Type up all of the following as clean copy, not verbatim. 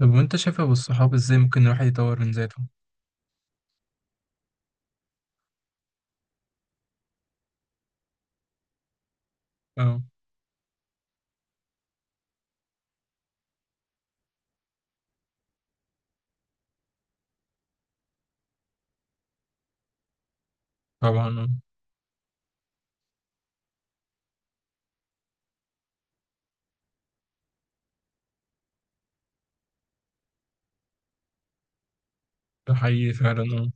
طب وانت شايف ابو الصحاب ازاي ممكن الواحد يطور من ذاته؟ اه، طبعا. اه، ده حقيقي فعلا. اه،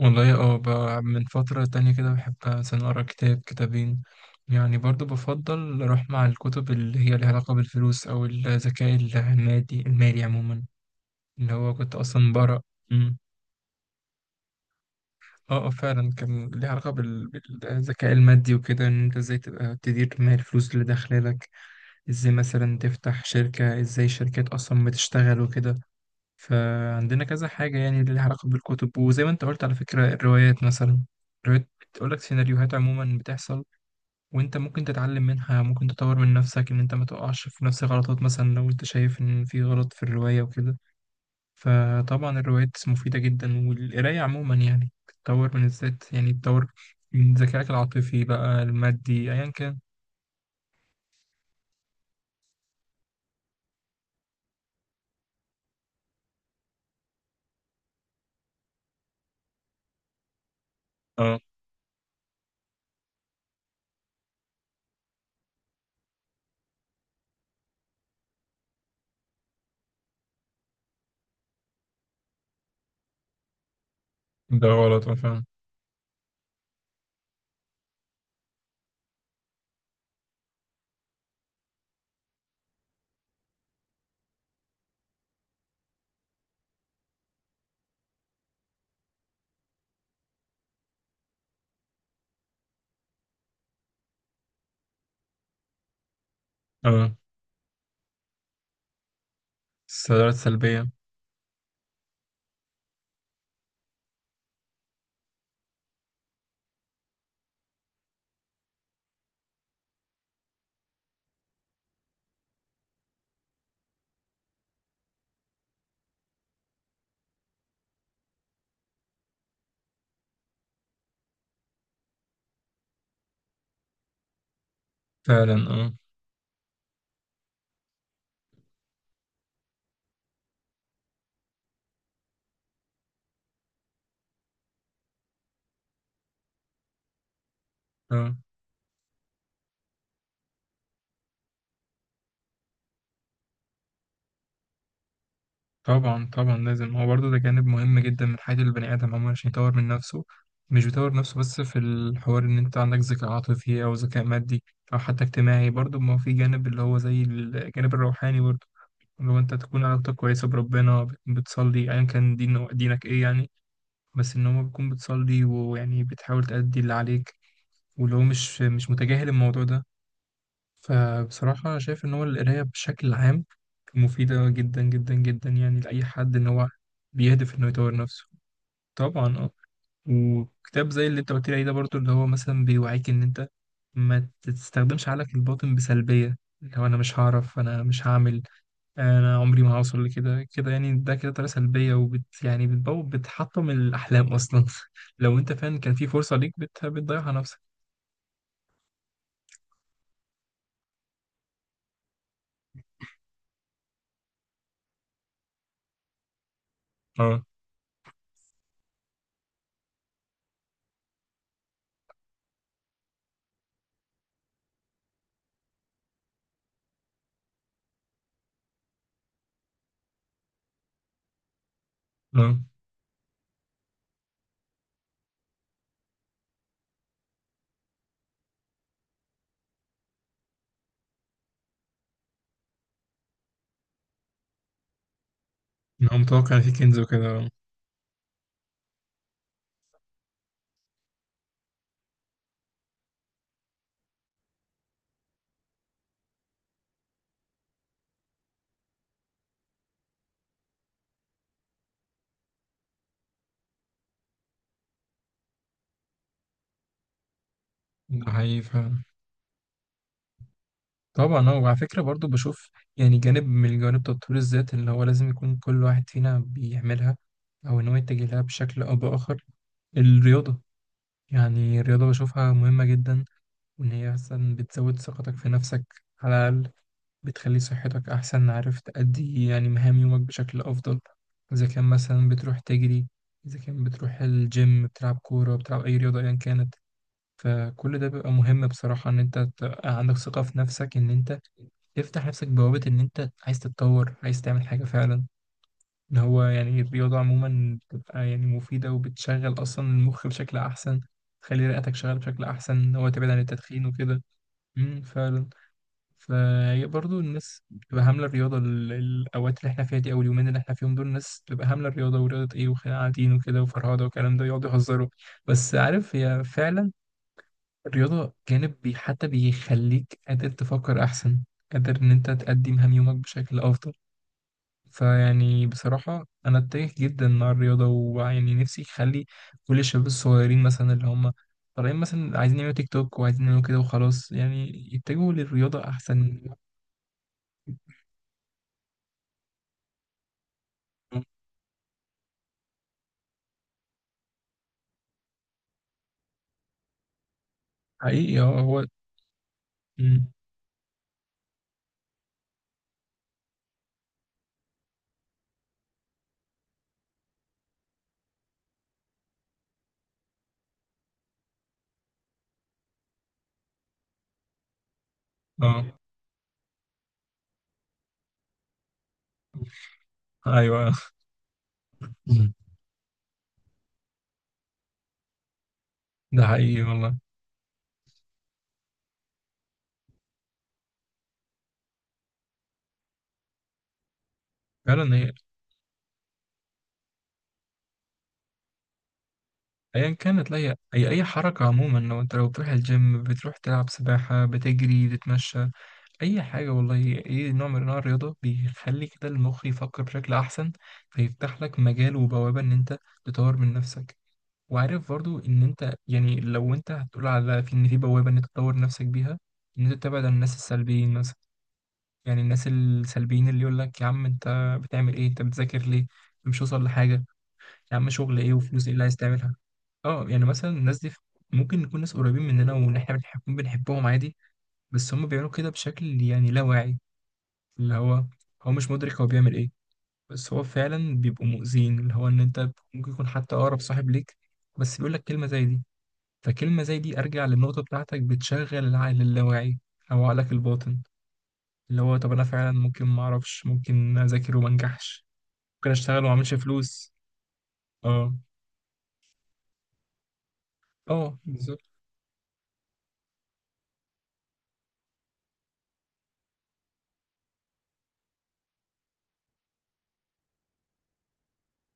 والله. اه، من فترة تانية كده بحب مثلا اقرا كتاب كتابين. يعني برضو بفضل اروح مع الكتب اللي هي لها علاقة بالفلوس او الذكاء المادي المالي عموما، اللي هو كنت اصلا بقرا. مم. اه، اه، فعلا كان ليها علاقة بالذكاء المادي وكده، ان انت ازاي تبقى تدير مال الفلوس اللي داخلالك، ازاي مثلا تفتح شركة، ازاي شركات اصلا بتشتغل وكده. فعندنا كذا حاجة يعني اللي لها علاقة بالكتب، وزي ما انت قلت على فكرة الروايات مثلا. الروايات بتقولك سيناريوهات عموما بتحصل، وانت ممكن تتعلم منها، ممكن تطور من نفسك ان انت ما تقعش في نفس الغلطات، مثلا لو انت شايف ان في غلط في الرواية وكده. فطبعا الروايات مفيدة جدا، والقراية عموما يعني بتطور من الذات، يعني بتطور من ذكائك العاطفي بقى، المادي، ايا كان. اه، ده غلط. اه، فعلا. اه، السلبية سلبية. فعلا. اه، اه، طبعا طبعا، لازم هو برضه ده جانب مهم جدا من حياة البني آدم عموما عشان يطور من نفسه. مش بيطور نفسه بس في الحوار إن أنت عندك ذكاء عاطفي أو ذكاء مادي أو حتى اجتماعي، برضه ما هو في جانب اللي هو زي الجانب الروحاني برضه، اللي هو أنت تكون علاقتك كويسة بربنا، بتصلي أيا كان دين دينك إيه يعني. بس إن هو بتكون بتصلي ويعني بتحاول تأدي اللي عليك، واللي هو مش متجاهل الموضوع ده. فبصراحة أنا شايف إن هو القراية بشكل عام مفيدة جدا جدا جدا، يعني لأي حد إن هو بيهدف إنه يطور نفسه. طبعا أه. وكتاب زي اللي أنت قلت لي عليه ده برضه اللي هو مثلا بيوعيك إن أنت ما تستخدمش عقلك الباطن بسلبية، اللي هو أنا مش هعرف، أنا مش هعمل، أنا عمري ما هوصل لكده كده، يعني ده كده طريقة سلبية، وبت يعني بتبوظ، بتحطم الأحلام أصلا لو أنت فعلا كان في فرصة ليك بتضيعها نفسك. اه، اه، إن هو متوقع إن في كنز وكده. آه. ده حقيقي فعلا. طبعا اه، وعلى فكرة برضو بشوف يعني جانب من جوانب تطوير الذات اللي هو لازم يكون كل واحد فينا بيعملها أو إن هو يتجه لها بشكل أو بآخر: الرياضة. يعني الرياضة بشوفها مهمة جدا، وإن هي مثلا بتزود ثقتك في نفسك على الأقل، بتخلي صحتك أحسن، عارف تأدي يعني مهام يومك بشكل أفضل، إذا كان مثلا بتروح تجري، إذا كان بتروح الجيم، بتلعب كورة، بتلعب أي رياضة أيا كانت. فكل ده بيبقى مهم بصراحة، إن أنت تبقى عندك ثقة في نفسك، إن أنت تفتح نفسك بوابة إن أنت عايز تتطور، عايز تعمل حاجة فعلا. إن هو يعني الرياضة عموما بتبقى يعني مفيدة، وبتشغل أصلا المخ بشكل أحسن، تخلي رئتك شغالة بشكل أحسن، إن هو تبعد عن التدخين وكده. فعلا. فهي برضه الناس بتبقى هاملة الرياضة الأوقات اللي إحنا فيها دي أو اليومين اللي إحنا فيهم دول، الناس بتبقى هاملة الرياضة، ورياضة إيه، وقاعدين وكده وفرهدة والكلام ده، يقعدوا يهزروا. بس عارف هي فعلا الرياضة جانب حتى بيخليك قادر تفكر أحسن، قادر إن أنت تقدم هم يومك بشكل أفضل. فيعني بصراحة أنا أتجه جدا مع الرياضة، ويعني نفسي أخلي كل الشباب الصغيرين مثلا اللي هم طالعين مثلا عايزين يعملوا تيك توك وعايزين يعملوا كده وخلاص، يعني يتجهوا للرياضة أحسن. حقيقي اه. هو. مم. اه. أيوه. مم. ده حقيقي والله. فعلا. هي أيا كانت. لا، هي أي حركة عموما، لو أنت لو بتروح الجيم، بتروح تلعب سباحة، بتجري، بتتمشى، اي حاجه والله. اي نوع من انواع الرياضه بيخلي كده المخ يفكر بشكل احسن، فيفتح لك مجال وبوابه ان انت تطور من نفسك. وعارف برضو ان انت يعني لو انت هتقول على في ان في بوابه ان انت تطور نفسك بيها، ان انت تبعد عن الناس السلبيين مثلا. يعني الناس السلبيين اللي يقول لك: يا عم انت بتعمل ايه، انت بتذاكر ليه، أنت مش واصل لحاجه، يا عم شغل ايه وفلوس ايه اللي عايز تعملها. اه، يعني مثلا الناس دي ممكن نكون ناس قريبين مننا وان احنا بنحبهم عادي. بس هم بيعملوا كده بشكل يعني لا واعي، اللي هو هو مش مدرك هو بيعمل ايه، بس هو فعلا بيبقوا مؤذيين، اللي هو ان انت ممكن يكون حتى اقرب صاحب ليك بس بيقول لك كلمه زي دي. فكلمه زي دي ارجع للنقطه بتاعتك بتشغل العقل اللاواعي او عقلك الباطن، اللي هو طب انا فعلا ممكن ما اعرفش، ممكن اذاكر وما انجحش، ممكن اشتغل وما اعملش فلوس. اه، اه، بالظبط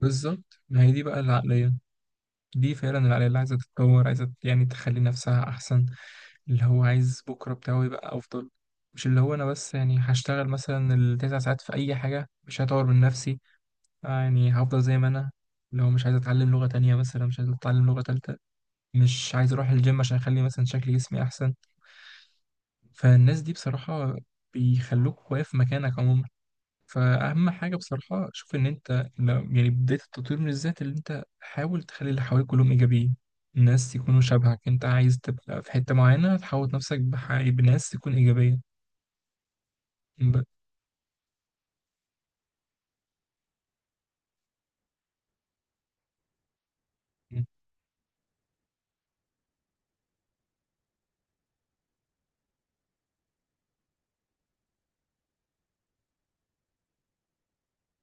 بالظبط. ما هي دي بقى العقليه، دي فعلا العقليه اللي عايزه تتطور، عايزه يعني تخلي نفسها احسن، اللي هو عايز بكرة بتاعه يبقى أفضل. مش اللي هو أنا بس يعني هشتغل مثلا ال9 ساعات في أي حاجة، مش هطور من نفسي، آه يعني هفضل زي ما أنا، اللي هو مش عايز أتعلم لغة تانية مثلا، مش عايز أتعلم لغة تالتة، مش عايز أروح الجيم عشان أخلي مثلا شكل جسمي أحسن. فالناس دي بصراحة بيخلوك واقف مكانك عموما. فأهم حاجة بصراحة، شوف إن أنت يعني بداية التطوير من الذات اللي أنت حاول تخلي اللي حواليك كلهم إيجابيين، الناس يكونوا شبهك. أنت عايز تبقى في حتة معينة، تحوط نفسك بناس تكون إيجابية. ب-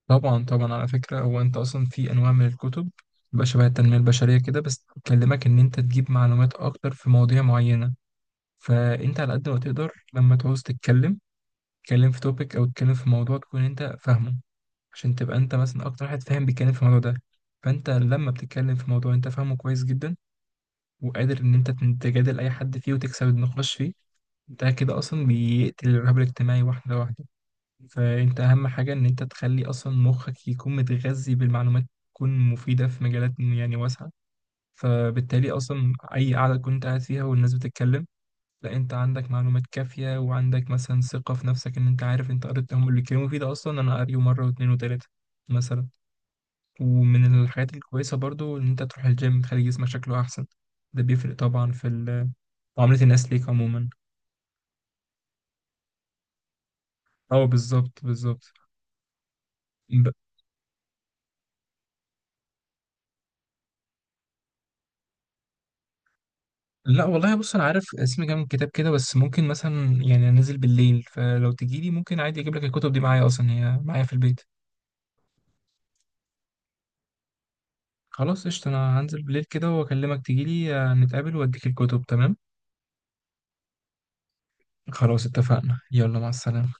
طبعا طبعا، على فكرة هو أنت أصلا في أنواع من الكتب بقى شبه التنمية البشرية كده، بس بتكلمك إن أنت تجيب معلومات أكتر في مواضيع معينة. فأنت على قد ما تقدر لما تعوز تتكلم، تتكلم في توبيك أو تتكلم في موضوع تكون أنت فاهمه، عشان تبقى انت مثلا اكتر واحد فاهم بيتكلم في الموضوع ده. فانت لما بتتكلم في موضوع انت فاهمه كويس جدا، وقادر ان انت تجادل اي حد فيه وتكسب النقاش فيه، ده كده اصلا بيقتل الرهاب الاجتماعي واحده واحده. فانت اهم حاجه ان انت تخلي اصلا مخك يكون متغذي بالمعلومات، تكون مفيده في مجالات يعني واسعه. فبالتالي اصلا اي قعده كنت قاعد فيها والناس بتتكلم، لا انت عندك معلومات كافيه، وعندك مثلا ثقه في نفسك، ان انت عارف انت قريت هم اللي اتكلموا فيه ده، اصلا انا قاريه مره واتنين وتلاته مثلا. ومن الحاجات الكويسة برضو إن أنت تروح الجيم، تخلي جسمك شكله أحسن، ده بيفرق طبعا في معاملة الناس ليك عموما. أه، بالظبط بالظبط. ب... لا والله، بص أنا عارف اسم كام كتاب كده، بس ممكن مثلا يعني أنزل بالليل، فلو تجيلي ممكن عادي أجيب لك الكتب دي معايا، أصلا هي معايا في البيت. خلاص قشطة، أنا هنزل بالليل كده وأكلمك، تجيلي، نتقابل وأديك الكتب. تمام. خلاص اتفقنا، يلا مع السلامة.